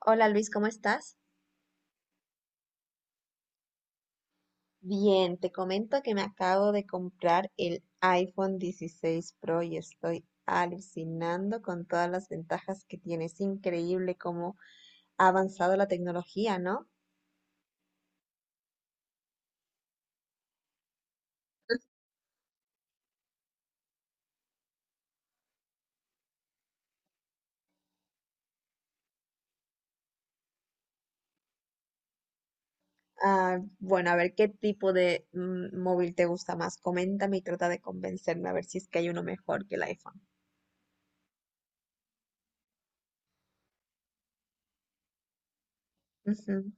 Hola Luis, ¿cómo estás? Bien, te comento que me acabo de comprar el iPhone 16 Pro y estoy alucinando con todas las ventajas que tiene. Es increíble cómo ha avanzado la tecnología, ¿no? Ah, bueno, a ver qué tipo de móvil te gusta más. Coméntame y trata de convencerme a ver si es que hay uno mejor que el iPhone. Ujú.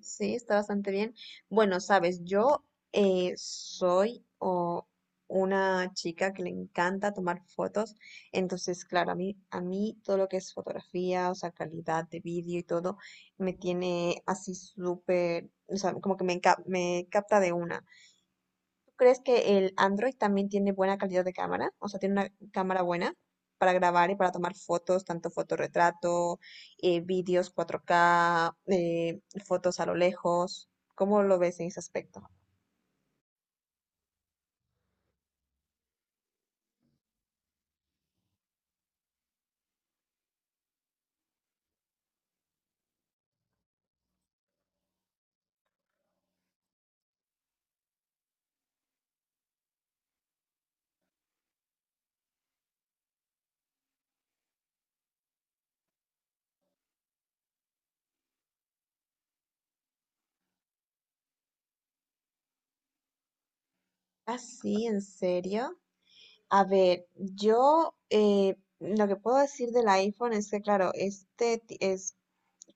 Sí, está bastante bien. Bueno, sabes, yo soy una chica que le encanta tomar fotos, entonces, claro, a mí todo lo que es fotografía, o sea, calidad de vídeo y todo, me tiene así súper, o sea, como que me capta de una. ¿Crees que el Android también tiene buena calidad de cámara? O sea, tiene una cámara buena para grabar y para tomar fotos, tanto fotorretrato, vídeos 4K, fotos a lo lejos. ¿Cómo lo ves en ese aspecto? Ah, sí, ¿en serio? A ver, yo lo que puedo decir del iPhone es que, claro, es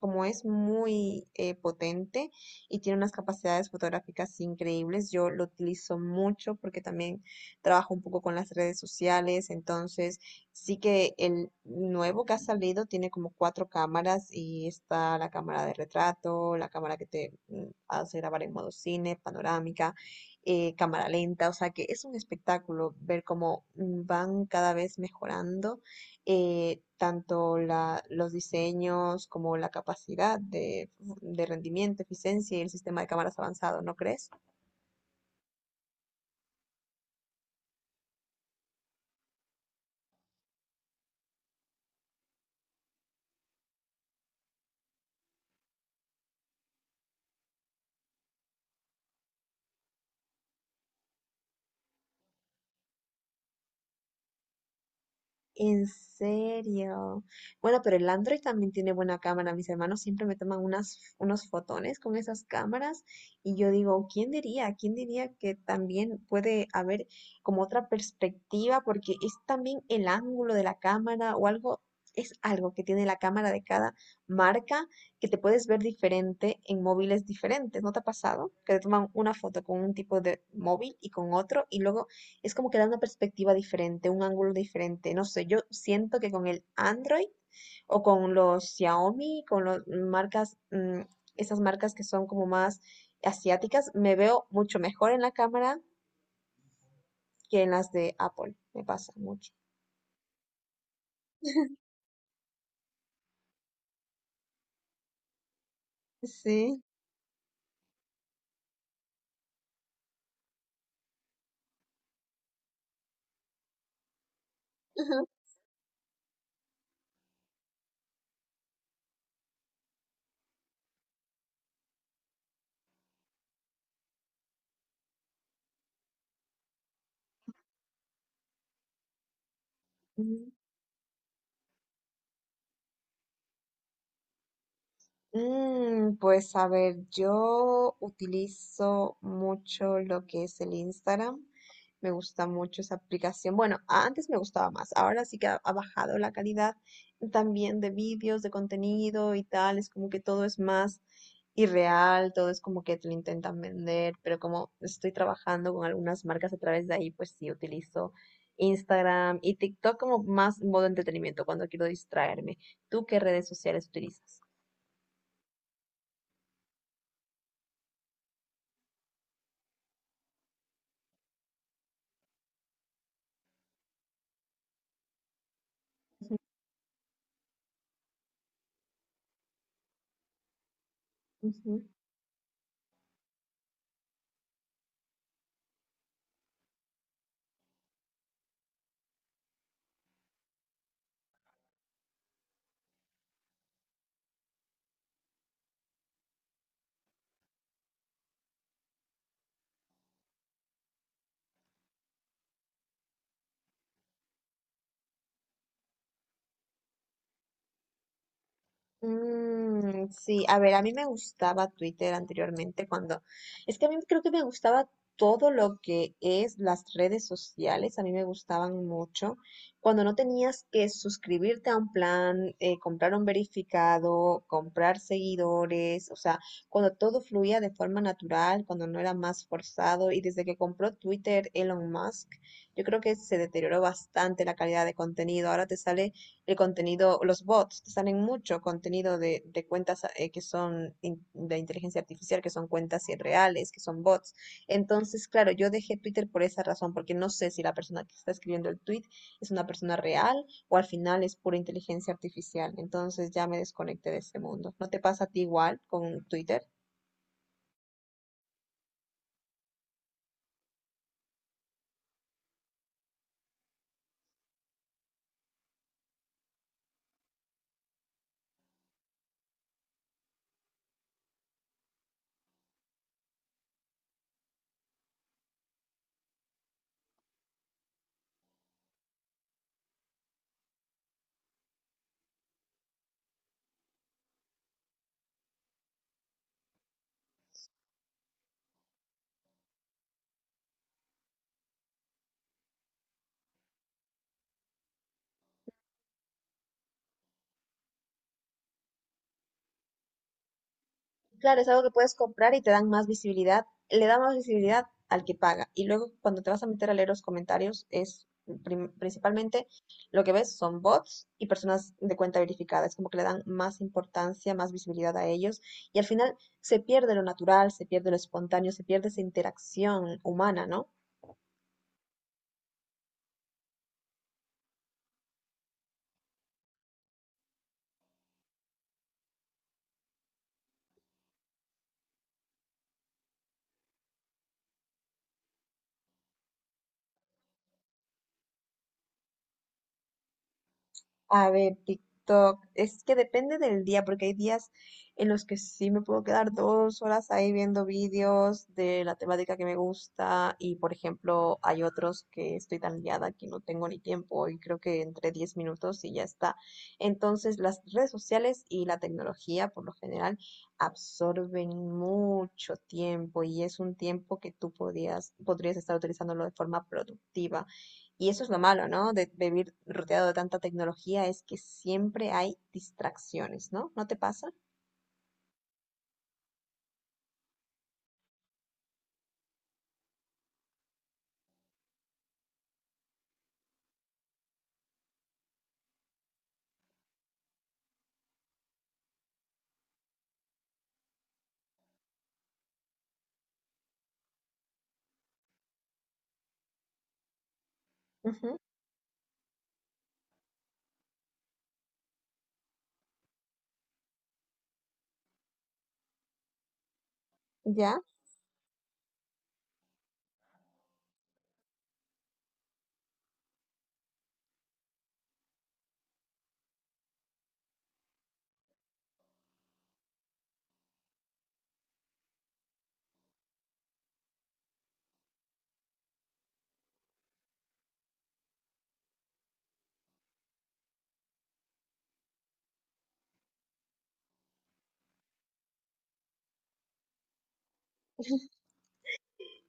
como es muy potente y tiene unas capacidades fotográficas increíbles, yo lo utilizo mucho porque también trabajo un poco con las redes sociales, entonces sí que el nuevo que ha salido tiene como cuatro cámaras y está la cámara de retrato, la cámara que te hace grabar en modo cine, panorámica, cámara lenta, o sea que es un espectáculo ver cómo van cada vez mejorando, tanto los diseños como la capacidad de rendimiento, eficiencia y el sistema de cámaras avanzado, ¿no crees? En serio. Bueno, pero el Android también tiene buena cámara. Mis hermanos siempre me toman unos fotones con esas cámaras y yo digo, ¿quién diría? ¿Quién diría que también puede haber como otra perspectiva? Porque es también el ángulo de la cámara o algo, es algo que tiene la cámara de cada marca, que te puedes ver diferente en móviles diferentes. ¿No te ha pasado? Que te toman una foto con un tipo de móvil y con otro y luego es como que da una perspectiva diferente, un ángulo diferente. No sé, yo siento que con el Android o con los Xiaomi, con las marcas, esas marcas que son como más asiáticas, me veo mucho mejor en la cámara que en las de Apple. Me pasa mucho. Sí. Mm, pues a ver, yo utilizo mucho lo que es el Instagram. Me gusta mucho esa aplicación. Bueno, antes me gustaba más. Ahora sí que ha bajado la calidad también de vídeos, de contenido y tal. Es como que todo es más irreal, todo es como que te lo intentan vender. Pero como estoy trabajando con algunas marcas a través de ahí, pues sí utilizo Instagram y TikTok como más modo entretenimiento cuando quiero distraerme. ¿Tú qué redes sociales utilizas? Ujú. Mm, sí, a ver, a mí me gustaba Twitter anteriormente. Es que a mí creo que me gustaba todo lo que es las redes sociales, a mí me gustaban mucho. Cuando no tenías que suscribirte a un plan, comprar un verificado, comprar seguidores, o sea, cuando todo fluía de forma natural, cuando no era más forzado y desde que compró Twitter Elon Musk, yo creo que se deterioró bastante la calidad de contenido. Ahora te sale el contenido, los bots, te salen mucho contenido de cuentas que son de inteligencia artificial, que son cuentas irreales, que son bots. Entonces, claro, yo dejé Twitter por esa razón, porque no sé si la persona que está escribiendo el tweet es una persona real o al final es pura inteligencia artificial. Entonces ya me desconecté de ese mundo. ¿No te pasa a ti igual con Twitter? Claro, es algo que puedes comprar y te dan más visibilidad, le da más visibilidad al que paga. Y luego cuando te vas a meter a leer los comentarios, es principalmente lo que ves son bots y personas de cuenta verificada. Es como que le dan más importancia, más visibilidad a ellos. Y al final se pierde lo natural, se pierde lo espontáneo, se pierde esa interacción humana, ¿no? A ver, TikTok. Es que depende del día, porque hay días en los que sí me puedo quedar 2 horas ahí viendo vídeos de la temática que me gusta. Y por ejemplo, hay otros que estoy tan liada que no tengo ni tiempo y creo que entre 10 minutos y ya está. Entonces, las redes sociales y la tecnología, por lo general, absorben mucho tiempo y es un tiempo que tú podrías estar utilizándolo de forma productiva. Y eso es lo malo, ¿no? De vivir rodeado de tanta tecnología, es que siempre hay distracciones, ¿no? ¿No te pasa? Ujú. ¿Ya?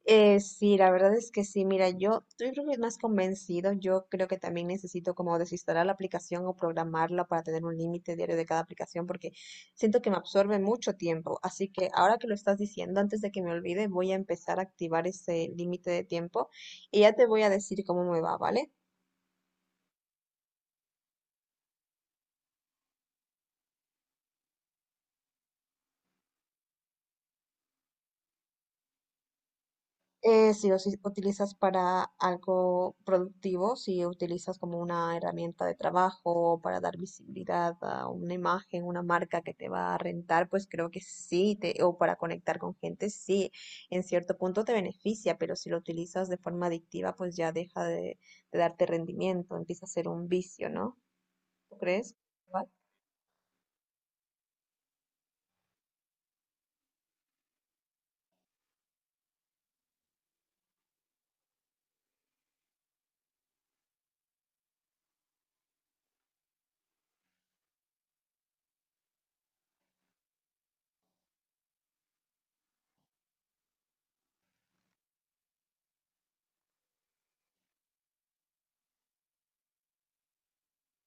Sí, la verdad es que sí. Mira, yo estoy creo que es más convencido. Yo creo que también necesito como desinstalar la aplicación o programarla para tener un límite diario de cada aplicación porque siento que me absorbe mucho tiempo. Así que ahora que lo estás diciendo, antes de que me olvide, voy a empezar a activar ese límite de tiempo y ya te voy a decir cómo me va, ¿vale? Sí, o si utilizas para algo productivo, si utilizas como una herramienta de trabajo para dar visibilidad a una imagen, una marca que te va a rentar, pues creo que sí, o para conectar con gente, sí, en cierto punto te beneficia, pero si lo utilizas de forma adictiva, pues ya deja de darte rendimiento, empieza a ser un vicio, ¿no? ¿Tú crees? Igual.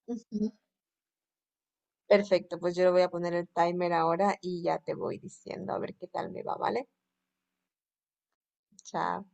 Ujú. Perfecto, pues yo le voy a poner el timer ahora y ya te voy diciendo a ver qué tal me va, ¿vale? Chao.